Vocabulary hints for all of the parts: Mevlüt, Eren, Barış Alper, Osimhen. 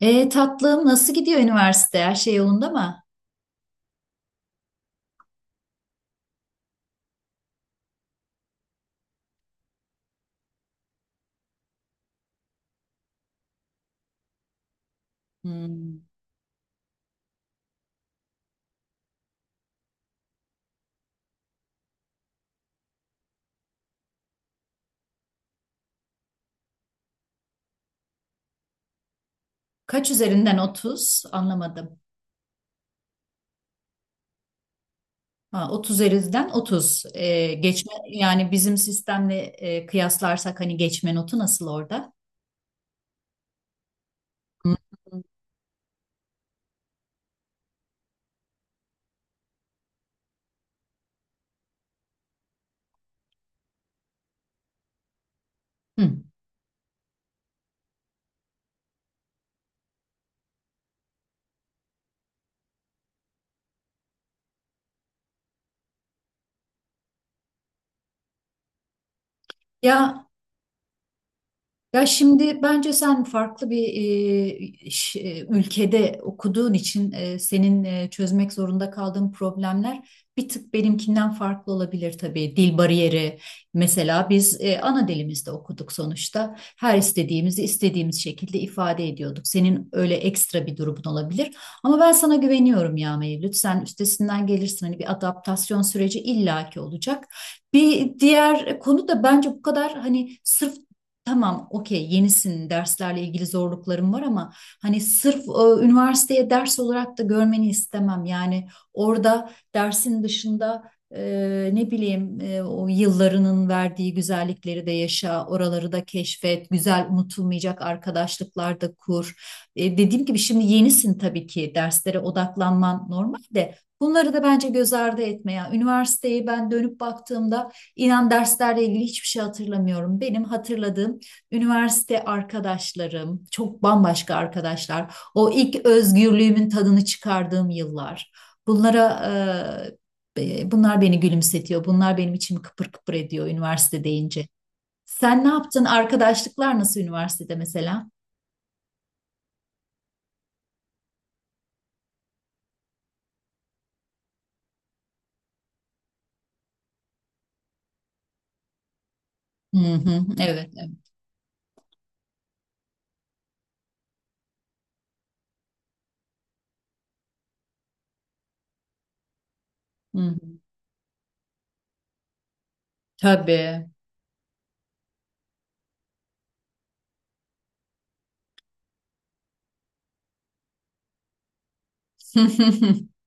Tatlım, nasıl gidiyor üniversite? Her şey yolunda mı? Hmm. Kaç üzerinden 30? Anlamadım. Ha, 30 üzerinden 30. Geçme yani bizim sistemle kıyaslarsak hani geçme notu nasıl orada? Hı. Hı. Ya Ya, şimdi bence sen farklı bir ülkede okuduğun için senin çözmek zorunda kaldığın problemler bir tık benimkinden farklı olabilir tabii. Dil bariyeri mesela, biz ana dilimizde okuduk sonuçta. Her istediğimizi istediğimiz şekilde ifade ediyorduk. Senin öyle ekstra bir durumun olabilir. Ama ben sana güveniyorum ya Mevlüt. Sen üstesinden gelirsin. Hani bir adaptasyon süreci illaki olacak. Bir diğer konu da, bence bu kadar hani sırf… Tamam, okey, yenisin, derslerle ilgili zorluklarım var ama hani sırf üniversiteye ders olarak da görmeni istemem. Yani orada dersin dışında e, ne bileyim, o yıllarının verdiği güzellikleri de yaşa, oraları da keşfet, güzel unutulmayacak arkadaşlıklar da kur. Dediğim gibi şimdi yenisin, tabii ki derslere odaklanman normal de bunları da bence göz ardı etme. Ya üniversiteyi ben dönüp baktığımda İnan derslerle ilgili hiçbir şey hatırlamıyorum. Benim hatırladığım üniversite arkadaşlarım, çok bambaşka arkadaşlar. O ilk özgürlüğümün tadını çıkardığım yıllar. Bunlara bunlar beni gülümsetiyor. Bunlar benim içimi kıpır kıpır ediyor üniversite deyince. Sen ne yaptın? Arkadaşlıklar nasıl üniversitede mesela? Hı hı, evet. Evet. Hı hı. Tabii.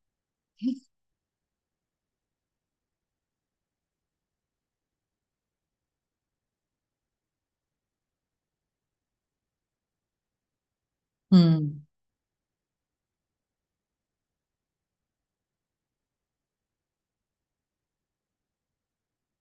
Hı.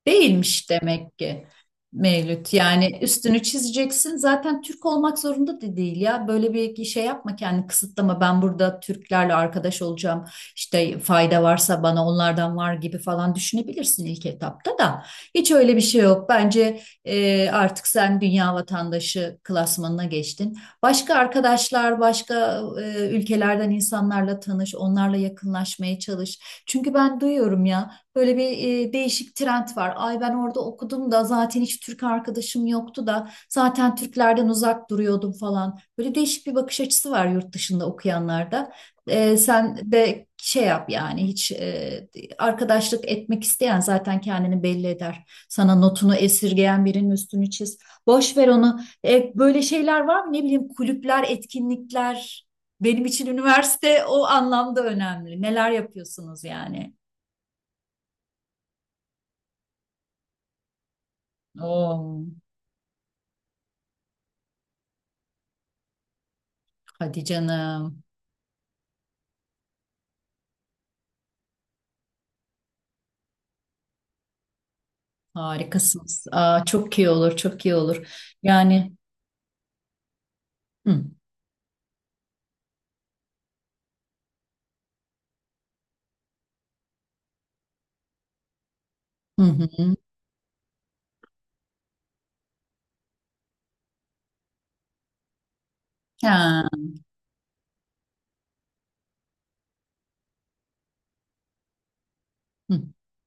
Değilmiş demek ki Mevlüt. Yani üstünü çizeceksin. Zaten Türk olmak zorunda da değil ya. Böyle bir şey yapma, kendini kısıtlama. Ben burada Türklerle arkadaş olacağım, İşte fayda varsa bana onlardan var gibi falan düşünebilirsin ilk etapta da. Hiç öyle bir şey yok. Bence artık sen dünya vatandaşı klasmanına geçtin. Başka arkadaşlar, başka ülkelerden insanlarla tanış, onlarla yakınlaşmaya çalış. Çünkü ben duyuyorum ya. Böyle bir değişik trend var. Ay ben orada okudum da zaten hiç Türk arkadaşım yoktu da zaten Türklerden uzak duruyordum falan. Böyle değişik bir bakış açısı var yurt dışında okuyanlarda. Sen de şey yap yani, hiç arkadaşlık etmek isteyen zaten kendini belli eder. Sana notunu esirgeyen birinin üstünü çiz. Boş ver onu. Böyle şeyler var mı? Ne bileyim, kulüpler, etkinlikler. Benim için üniversite o anlamda önemli. Neler yapıyorsunuz yani? Oo. Hadi canım. Harikasınız. Aa, çok iyi olur, çok iyi olur. Yani, hı hı hı. Ha, hı.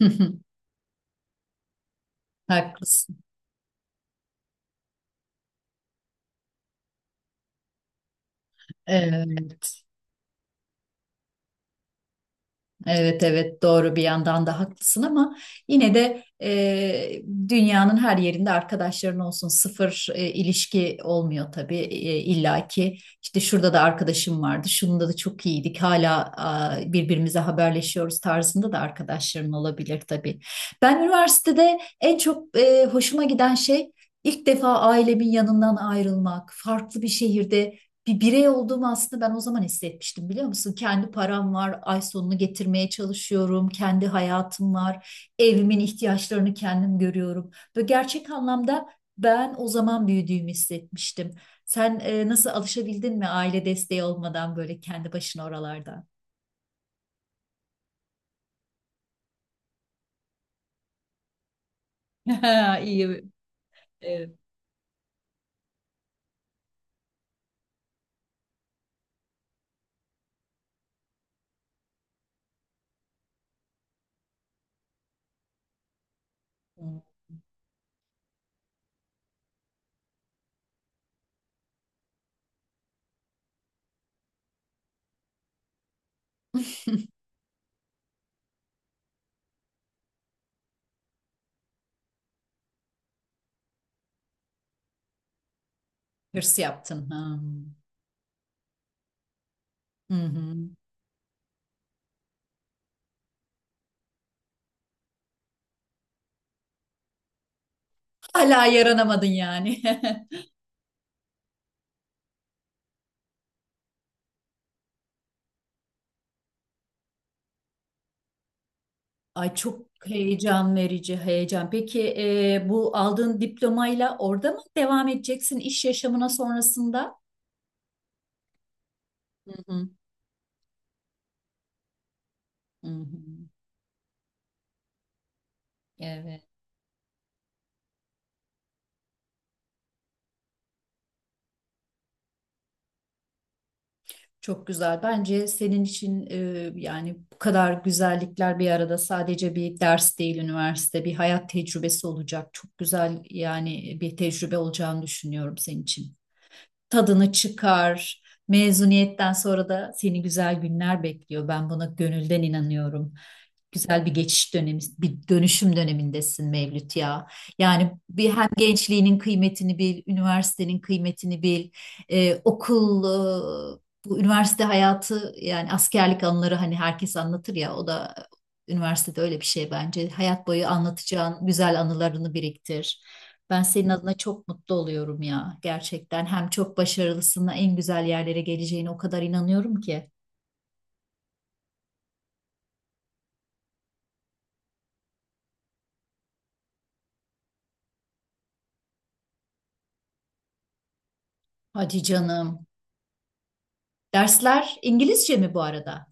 Hı, hı. Haklısın. Evet. Evet evet, doğru, bir yandan da haklısın ama yine de dünyanın her yerinde arkadaşların olsun, sıfır ilişki olmuyor tabii, illaki işte şurada da arkadaşım vardı, şunda da çok iyiydik hala a, birbirimize haberleşiyoruz tarzında da arkadaşların olabilir tabii. Ben üniversitede en çok hoşuma giden şey, ilk defa ailemin yanından ayrılmak, farklı bir şehirde bir birey olduğumu aslında ben o zaman hissetmiştim, biliyor musun? Kendi param var, ay sonunu getirmeye çalışıyorum, kendi hayatım var, evimin ihtiyaçlarını kendim görüyorum ve gerçek anlamda ben o zaman büyüdüğümü hissetmiştim. Sen nasıl, alışabildin mi aile desteği olmadan böyle kendi başına oralarda? İyi. e, Hırs yaptın. Ha. Hı hı. Hala yaranamadın yani. Ay çok heyecan verici, heyecan. Peki bu aldığın diplomayla orada mı devam edeceksin iş yaşamına sonrasında? Hı hı, hı hı. Evet. Çok güzel. Bence senin için yani bu kadar güzellikler bir arada, sadece bir ders değil üniversite, bir hayat tecrübesi olacak. Çok güzel yani, bir tecrübe olacağını düşünüyorum senin için. Tadını çıkar. Mezuniyetten sonra da seni güzel günler bekliyor. Ben buna gönülden inanıyorum. Güzel bir geçiş dönemi, bir dönüşüm dönemindesin Mevlüt ya. Yani bir, hem gençliğinin kıymetini bil, üniversitenin kıymetini bil, e, okul, e, bu üniversite hayatı yani, askerlik anıları hani herkes anlatır ya, o da üniversitede öyle bir şey bence. Hayat boyu anlatacağın güzel anılarını biriktir. Ben senin adına çok mutlu oluyorum ya, gerçekten. Hem çok başarılısına, en güzel yerlere geleceğine o kadar inanıyorum ki. Hadi canım. Dersler İngilizce mi bu arada?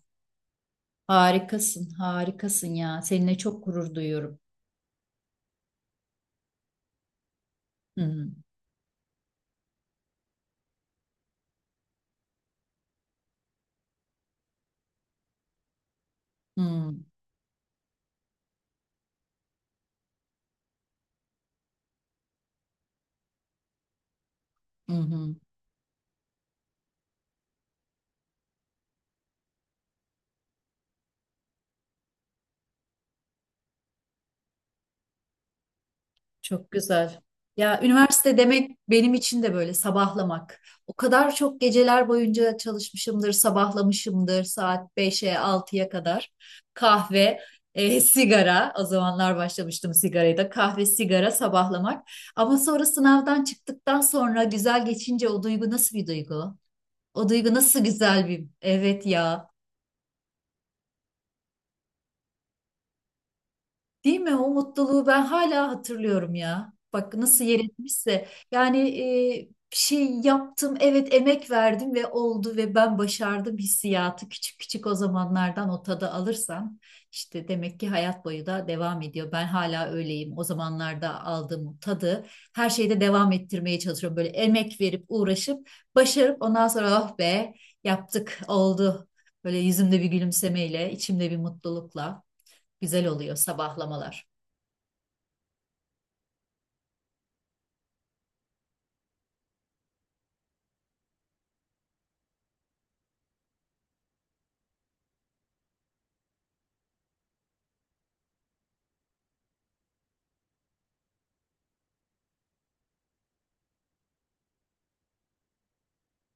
Harikasın, harikasın ya. Seninle çok gurur duyuyorum. Hı hı, hı hı, hı hı. Çok güzel. Ya üniversite demek benim için de böyle sabahlamak. O kadar çok geceler boyunca çalışmışımdır, sabahlamışımdır, saat beşe altıya kadar. Kahve, sigara. O zamanlar başlamıştım sigarayı da. Kahve, sigara, sabahlamak. Ama sonra sınavdan çıktıktan sonra güzel geçince o duygu, nasıl bir duygu? O duygu nasıl güzel bir… Evet ya. Değil mi? O mutluluğu ben hala hatırlıyorum ya. Bak nasıl yer etmişse. Yani bir şey yaptım, evet, emek verdim ve oldu ve ben başardım hissiyatı, küçük küçük o zamanlardan o tadı alırsam işte demek ki hayat boyu da devam ediyor. Ben hala öyleyim. O zamanlarda aldığım o tadı her şeyde devam ettirmeye çalışıyorum. Böyle emek verip, uğraşıp, başarıp, ondan sonra oh be, yaptık oldu. Böyle yüzümde bir gülümsemeyle, içimde bir mutlulukla, güzel oluyor sabahlamalar.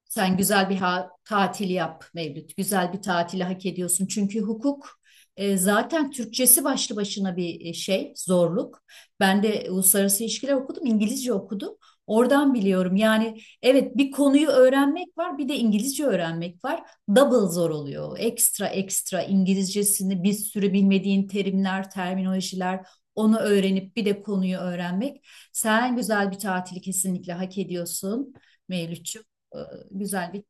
Sen güzel bir tatil yap Mevlüt. Güzel bir tatili hak ediyorsun. Çünkü hukuk zaten Türkçesi başlı başına bir şey, zorluk. Ben de uluslararası ilişkiler okudum, İngilizce okudum. Oradan biliyorum. Yani evet, bir konuyu öğrenmek var, bir de İngilizce öğrenmek var. Double zor oluyor. Ekstra ekstra İngilizcesini, bir sürü bilmediğin terimler, terminolojiler, onu öğrenip bir de konuyu öğrenmek. Sen güzel bir tatili kesinlikle hak ediyorsun Mevlütçüm. Ee, Güzel bir…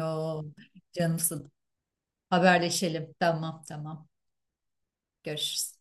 Oo, canımsın. Haberleşelim. Tamam tamam. Görüşürüz.